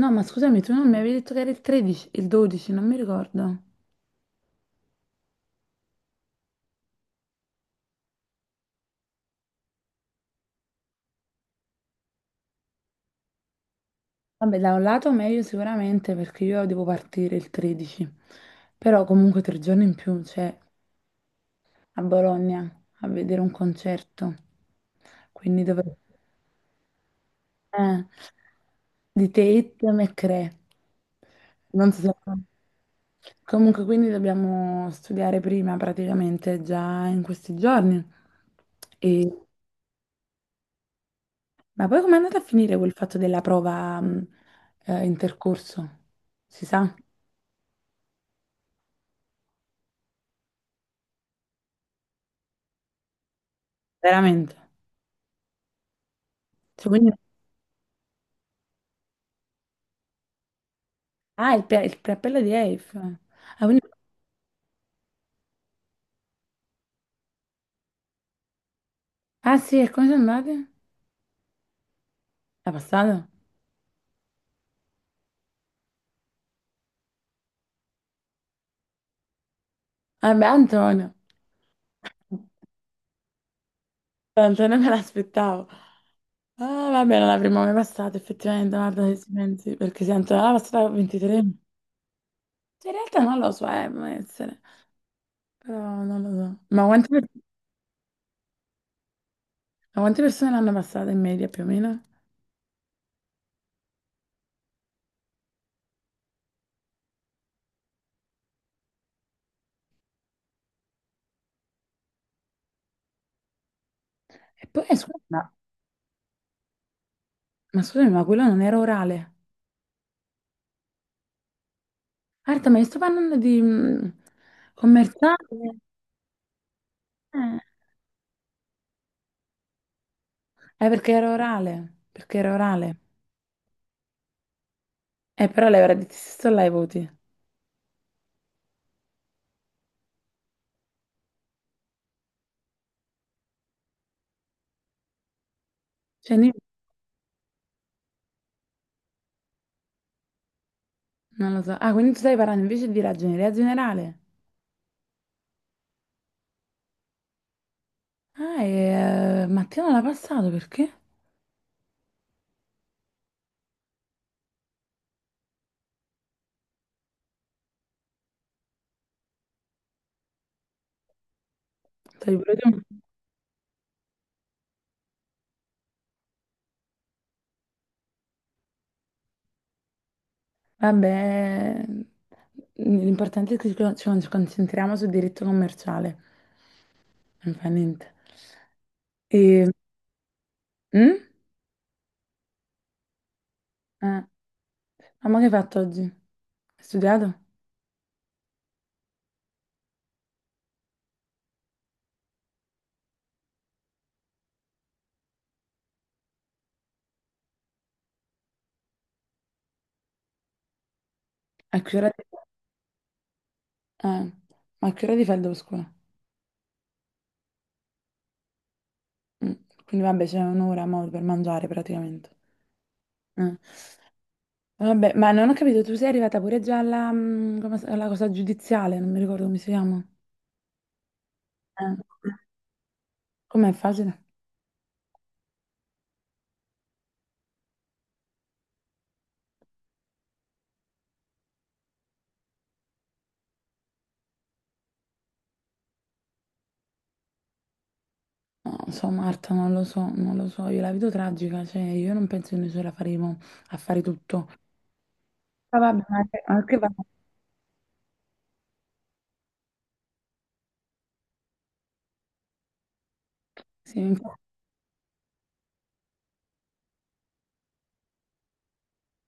No, ma scusami, tu non mi avevi detto che era il 13, il 12, non mi ricordo. Vabbè, da un lato meglio sicuramente perché io devo partire il 13, però comunque tre giorni in più, cioè a Bologna a vedere un concerto. Quindi dovrei... Eh, di Tate McRae. Non so se... Comunque, quindi dobbiamo studiare prima praticamente già in questi giorni. E ma poi com'è andata a finire quel fatto della prova intercorso? Si sa? Veramente? Cioè, quindi- Ah, il, il preappello di EIF. Ah, quindi- Ah, sì, e come sono andate? È passato? Ah, beh, Antonio. Antonio me l'aspettavo. Ah, vabbè, non l'avremmo mai passato, effettivamente, guarda se ci pensi, perché se Antonio l'ha passata a 23. Cioè, in realtà non lo so, può essere, però non lo so. Ma quante persone l'hanno passata in media più o meno? E poi, scusa, ma scusami, ma quello non era orale? Marta, ma io sto parlando di commerciale? Eh, perché era orale, perché era orale. Però lei avrà detto se sto là i voti. Cioè, non lo so. Ah, quindi tu stai parlando invece di ragioneria generale. Ah, e Mattia non l'ha passato, perché? Stai pure tu. Vabbè, l'importante è che ci concentriamo sul diritto commerciale. Non fa niente. E... Mm? Eh, Ma che hai fatto oggi? Hai studiato? A che ora? Eh, ma che ora ti fai il dopo scuola? Mm, quindi vabbè, c'è un'ora mo per mangiare praticamente. Eh, Vabbè, ma non ho capito, tu sei arrivata pure già alla, alla cosa giudiziale, non mi ricordo come si chiama. Eh, Com'è facile? No, non lo so, Marta, non lo so, non lo so, io la vedo tragica, cioè io non penso che noi ce la faremo a fare tutto. Ma vabbè, ma che va? Sì, infatti.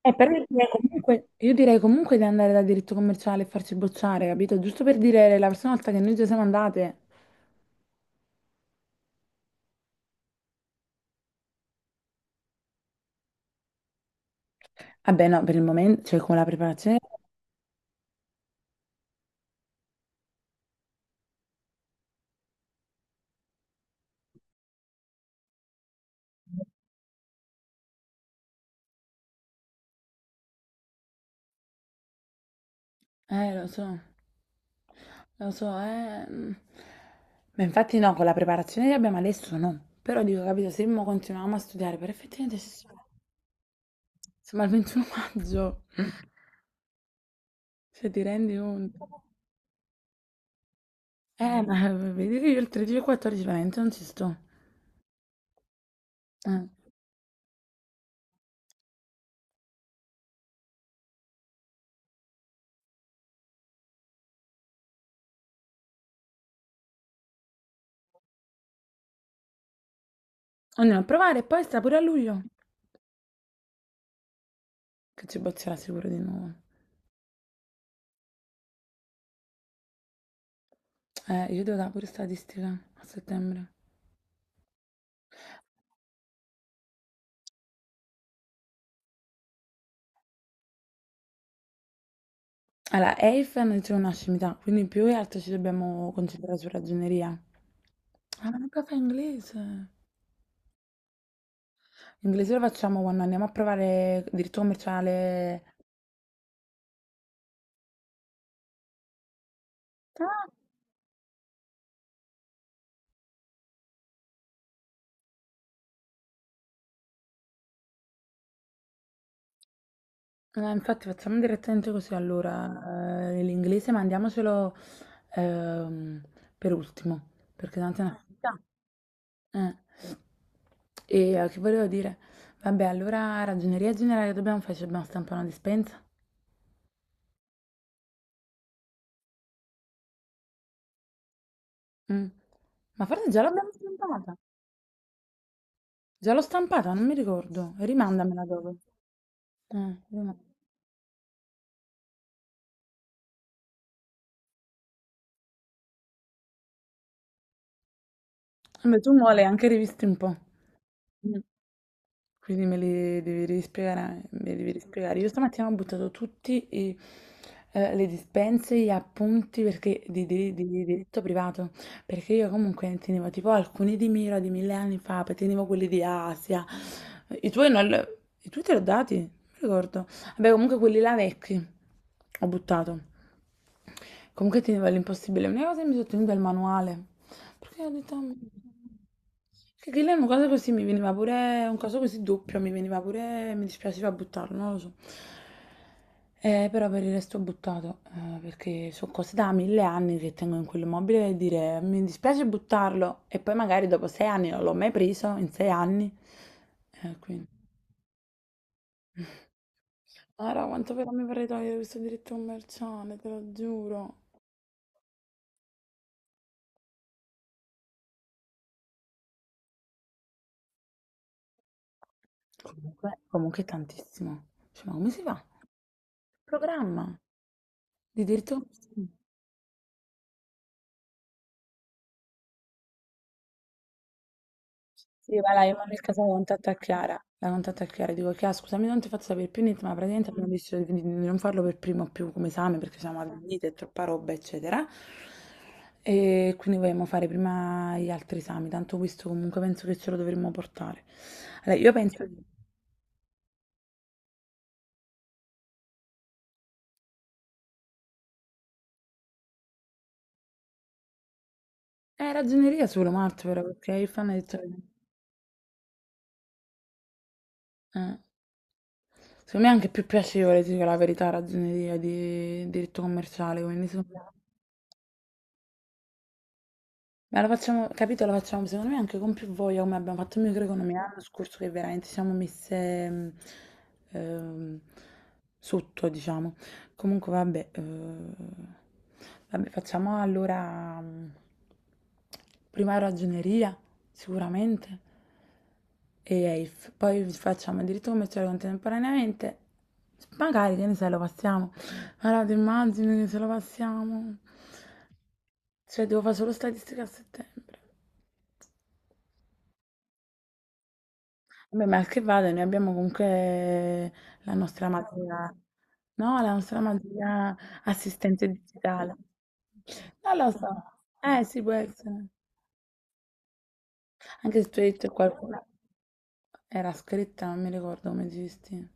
Però io direi comunque di andare da diritto commerciale e farci bocciare, capito? Giusto per dire la prossima volta che noi già siamo andate. Vabbè, no, per il momento, cioè con la preparazione... Eh, lo so, lo so, eh. Mm. Ma infatti no, con la preparazione che abbiamo adesso no. Però dico, capito, se mo continuiamo a studiare, per effettivamente ci siamo al 21 maggio, se ti rendi conto. Ma vedi che io il 13 e il 14 veramente non ci sto. Eh. Andiamo a provare e poi sta pure a luglio, che ci bozzerà sicuro di nuovo. Io devo dare pure statistica a settembre. Allora, EIF non dice una scimità, quindi più che altro ci dobbiamo concentrare su ragioneria. Ah, ma non caffè inglese. Inglese lo facciamo quando andiamo a provare diritto commerciale. Ah, infatti facciamo direttamente così allora. L'inglese mandiamocelo ehm, per ultimo, perché tanto è una finta. Eh. E che volevo dire? Vabbè, allora ragioneria generale dobbiamo fare, ci dobbiamo stampare una dispensa. Mm. Ma forse già l'abbiamo stampata. Già l'ho stampata, non mi ricordo. Rimandamela dopo. Eh, rimandamela. Beh, tu mo le hai anche rivisti un po', mm, quindi me li devi rispiegare, me li devi rispiegare. Io stamattina ho buttato tutti i, le dispense, gli appunti perché, di diritto privato, perché io comunque ne tenevo tipo alcuni di Mira di mille anni fa, poi tenevo quelli di Asia, i tuoi, non, li- i tuoi te li ho dati, non mi ricordo. Vabbè, comunque quelli là vecchi, ho buttato. Comunque tenevo l'impossibile, una cosa che mi sono tenuta è il manuale. Perché ho detto... "Mm". Che lei è una cosa così mi veniva pure, un caso così doppio, mi veniva pure, mi dispiaceva buttarlo, non lo so. Però per il resto ho buttato, perché sono cose da mille anni che tengo in quell'immobile e dire mi dispiace buttarlo e poi magari dopo sei anni non l'ho mai preso, in sei anni. Quindi... Allora, quanto però mi vorrei togliere questo diritto commerciale, te lo giuro. Comunque, comunque è tantissimo. Cioè, ma come si fa? Programma. Di diritto? Sì, va là, io mi caso la contatto a Chiara. La contatto a Chiara, dico, Chiara, scusami, non ti faccio sapere più niente, ma praticamente abbiamo deciso di non farlo per primo più come esame perché siamo avvenite, è troppa roba, eccetera. E quindi vogliamo fare prima gli altri esami, tanto questo comunque penso che ce lo dovremmo portare. Allora, io penso... È ragioneria solo, Marto, però, perché il fan ha detto... Eh. Secondo me è anche più piacevole, dico la verità, ragioneria di diritto commerciale, quindi secondo me... Ma la facciamo, capito, la facciamo secondo me anche con più voglia come abbiamo fatto in microeconomia l'anno scorso che veramente siamo messe ehm, sotto, diciamo. Comunque vabbè, vabbè, facciamo allora prima ragioneria, sicuramente e Elf. Poi facciamo il diritto commerciale contemporaneamente. Magari, che ne sai, lo passiamo. Allora, ti immagini che se lo passiamo? Cioè, devo fare solo statistica a settembre. Vabbè, ma che vada, noi abbiamo comunque la nostra materia, no? La nostra materia assistente digitale. Non lo so. Sì, può essere. Anche se tu hai detto che qualcuno era scritta, non mi ricordo come esisti.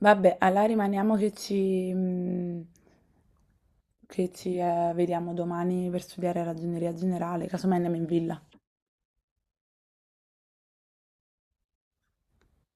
Vabbè, allora rimaniamo che ci vediamo domani per studiare ragioneria generale, casomai andiamo in villa.